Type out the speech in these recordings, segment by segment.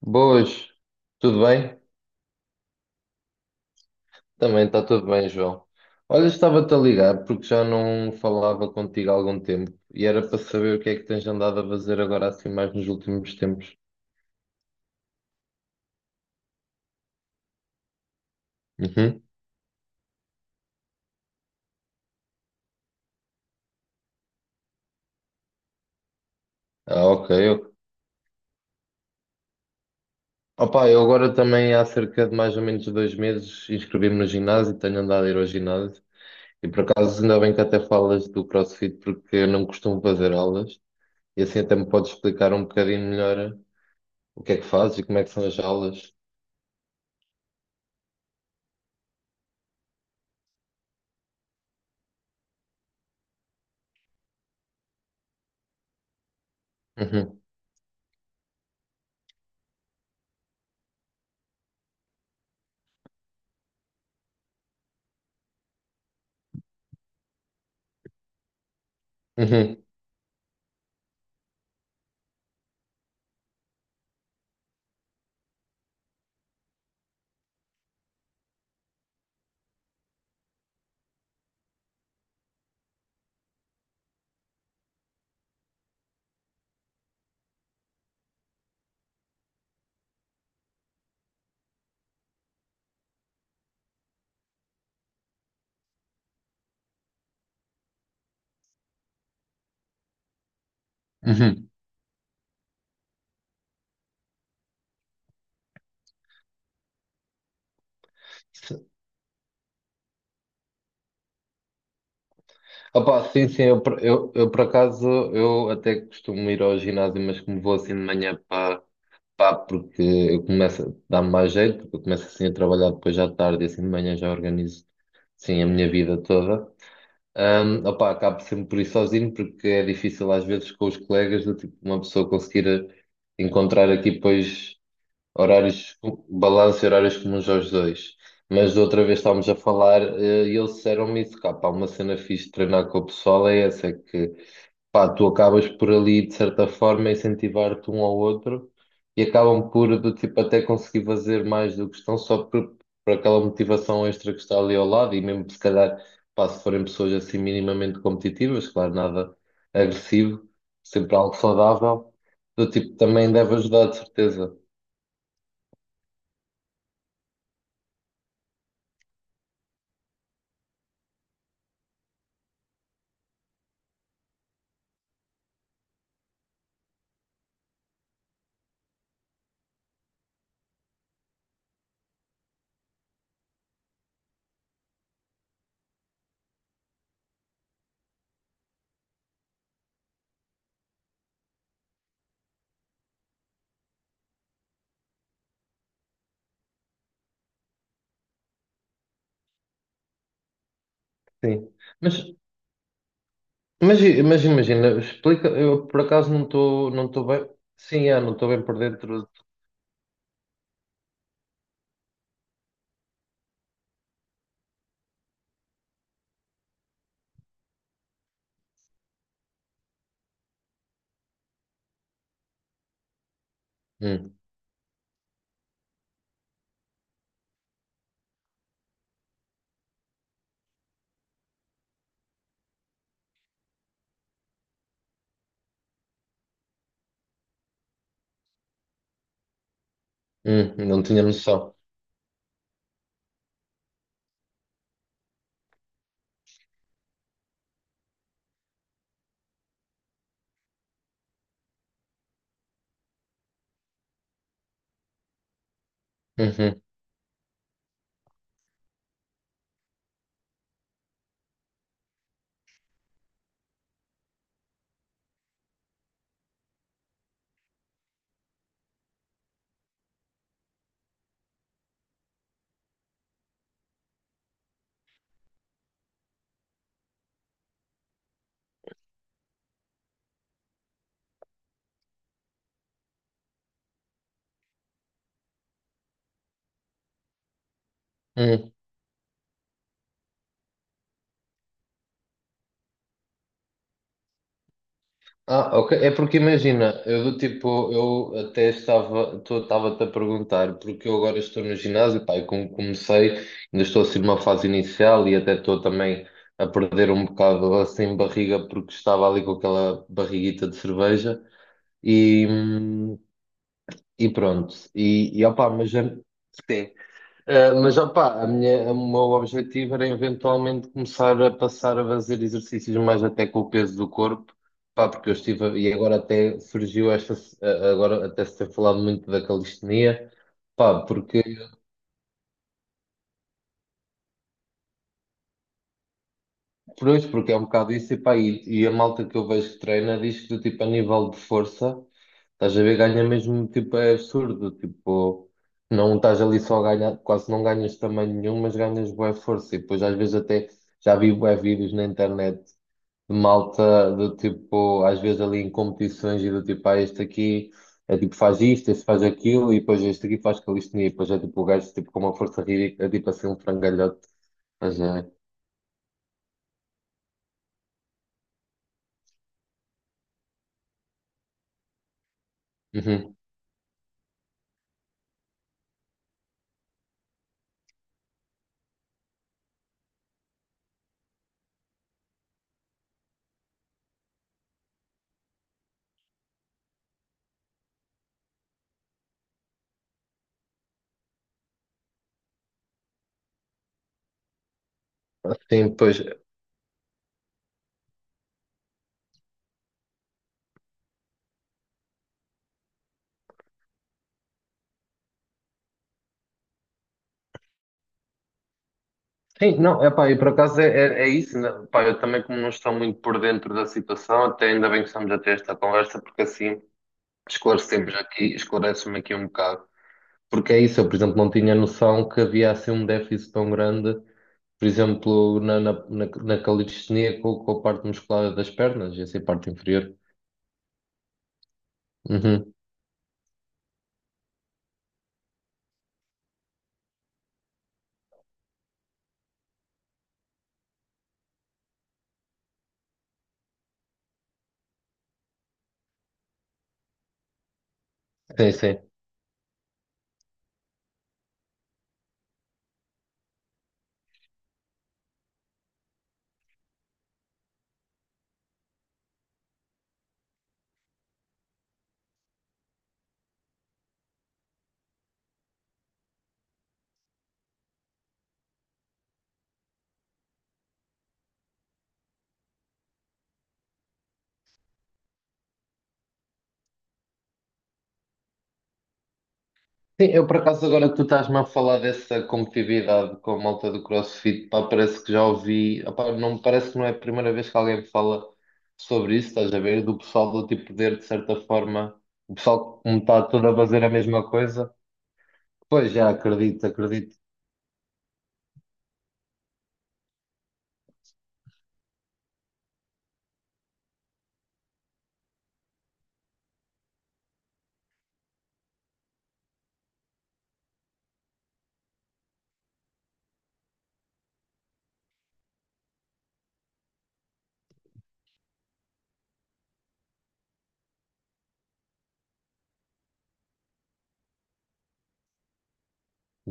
Boas, tudo bem? Também está tudo bem, João. Olha, estava-te a ligar porque já não falava contigo há algum tempo e era para saber o que é que tens andado a fazer agora assim mais nos últimos tempos. Uhum. Ah, ok. Opa, eu agora também há cerca de mais ou menos 2 meses inscrevi-me no ginásio, tenho andado a ir ao ginásio e por acaso ainda bem que até falas do CrossFit porque eu não costumo fazer aulas e assim até me podes explicar um bocadinho melhor o que é que fazes e como é que são as aulas. Uhum, uhum, uhum. Opa, sim, sim, eu por acaso eu até costumo ir ao ginásio, mas como vou assim de manhã para pá, porque eu começo a dar-me mais jeito, porque eu começo assim a trabalhar depois já tarde e assim de manhã já organizo sim a minha vida toda. Opa, acabo sempre por ir sozinho porque é difícil às vezes com os colegas do tipo uma pessoa conseguir encontrar aqui depois. Horários, balanço e horários comuns aos dois. Mas da outra vez estávamos a falar, e eles disseram-me isso, cá, pá, uma cena fixe de treinar com o pessoal é essa, é que pá, tu acabas por ali, de certa forma, incentivar-te um ao outro e acabam por, do tipo, até conseguir fazer mais do que estão só por aquela motivação extra que está ali ao lado e mesmo se calhar, pá, se forem pessoas assim minimamente competitivas, claro, nada agressivo, sempre algo saudável, do tipo, também deve ajudar, de certeza. Sim. Mas, mas, mas imagina, explica, eu por acaso não estou bem. Sim, é, não estou bem por dentro. Hum, não tinha noção. Uhum, uhum. Ah, ok. É porque imagina, eu do tipo, eu até estava, estava-te a perguntar, porque eu agora estou no ginásio, pá, e como comecei, ainda estou assim numa fase inicial e até estou também a perder um bocado assim barriga porque estava ali com aquela barriguita de cerveja. E, hum, E pronto, e opá, sim. Ah, mas opá, a minha, o meu objetivo era eventualmente começar a passar a fazer exercícios mais até com o peso do corpo, pá, porque eu estive, e agora até surgiu esta, agora até se tem falado muito da calistenia, pá, porque pois, porque é um bocado isso, e, pá, e a malta que eu vejo que treina diz que, do tipo, a nível de força, estás a ver, ganha mesmo, tipo, é absurdo, tipo, não estás ali só a ganhar, quase não ganhas tamanho nenhum, mas ganhas boa força, e depois às vezes até, já vi bué vídeos na internet de malta, do tipo, às vezes ali em competições, e do tipo, ah, este aqui, é tipo, faz isto, este faz aquilo, e depois este aqui faz calistenia, e depois é tipo, o gajo, tipo, com uma força ridícula, é tipo assim, um frangalhote, mas é. Uhum. Sim, pois. Sim, não, é pá, e por acaso é isso, né? Pá, eu também como não estou muito por dentro da situação, até ainda bem que estamos a ter esta conversa, porque assim esclarecemos aqui, esclarece-me aqui um bocado. Porque é isso, eu, por exemplo, não tinha noção que havia assim um déficit tão grande, por exemplo, na calistenia com a parte muscular das pernas, e assim, a parte inferior. Uhum. Sim, sim. Sim, eu por acaso agora que tu estás-me a falar dessa competitividade com a malta do CrossFit, pá, parece que já ouvi, opá, não, parece que não é a primeira vez que alguém me fala sobre isso, estás a ver? Do pessoal do tipo poder, de certa forma, o pessoal que me está todo a fazer a mesma coisa. Pois já acredito, acredito.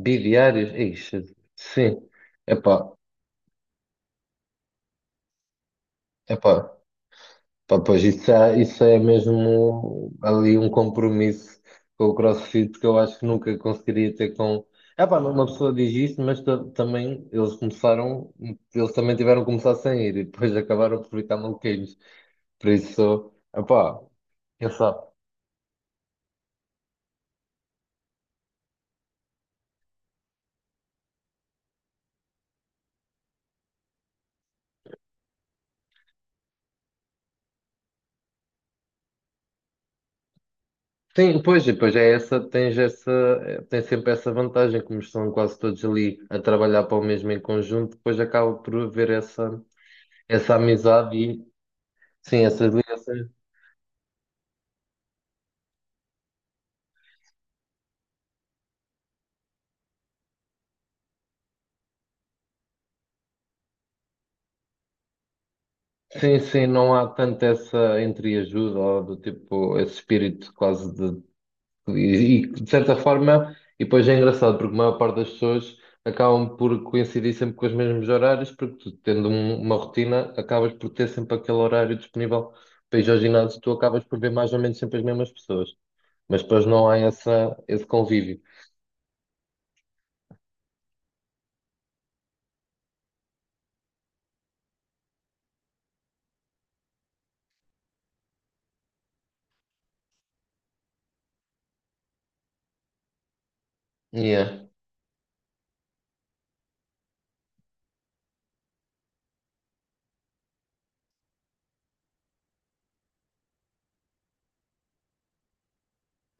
Bidiários, ixi, sim, epá, epá. Pá, pois isso é mesmo ali um compromisso com o CrossFit que eu acho que nunca conseguiria ter com. É pá, uma pessoa diz isso, mas também eles começaram, eles também tiveram que começar sem ir e depois acabaram por ficar maluquinhos. Por isso, é pá, quem sabe? Sim, pois, e depois é essa, tens essa, tens sempre essa vantagem, como estão quase todos ali a trabalhar para o mesmo em conjunto, depois acaba por haver essa, essa amizade e sim, essas ligações. Sim, sim, não há tanto essa entreajuda ou do tipo esse espírito quase de. De certa forma, e depois é engraçado porque a maior parte das pessoas acabam por coincidir sempre com os mesmos horários, porque tu, tendo uma rotina, acabas por ter sempre aquele horário disponível para ir ao ginásio, tu acabas por ver mais ou menos sempre as mesmas pessoas, mas depois não há essa, esse convívio. Yeah.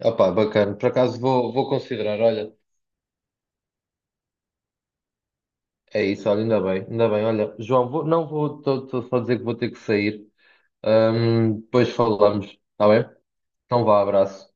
Opa, bacana. Por acaso vou, vou considerar, olha, é isso, olha, ainda bem, olha, João, vou, não vou, estou só a dizer que vou ter que sair. Depois falamos, está bem? Então vá, abraço.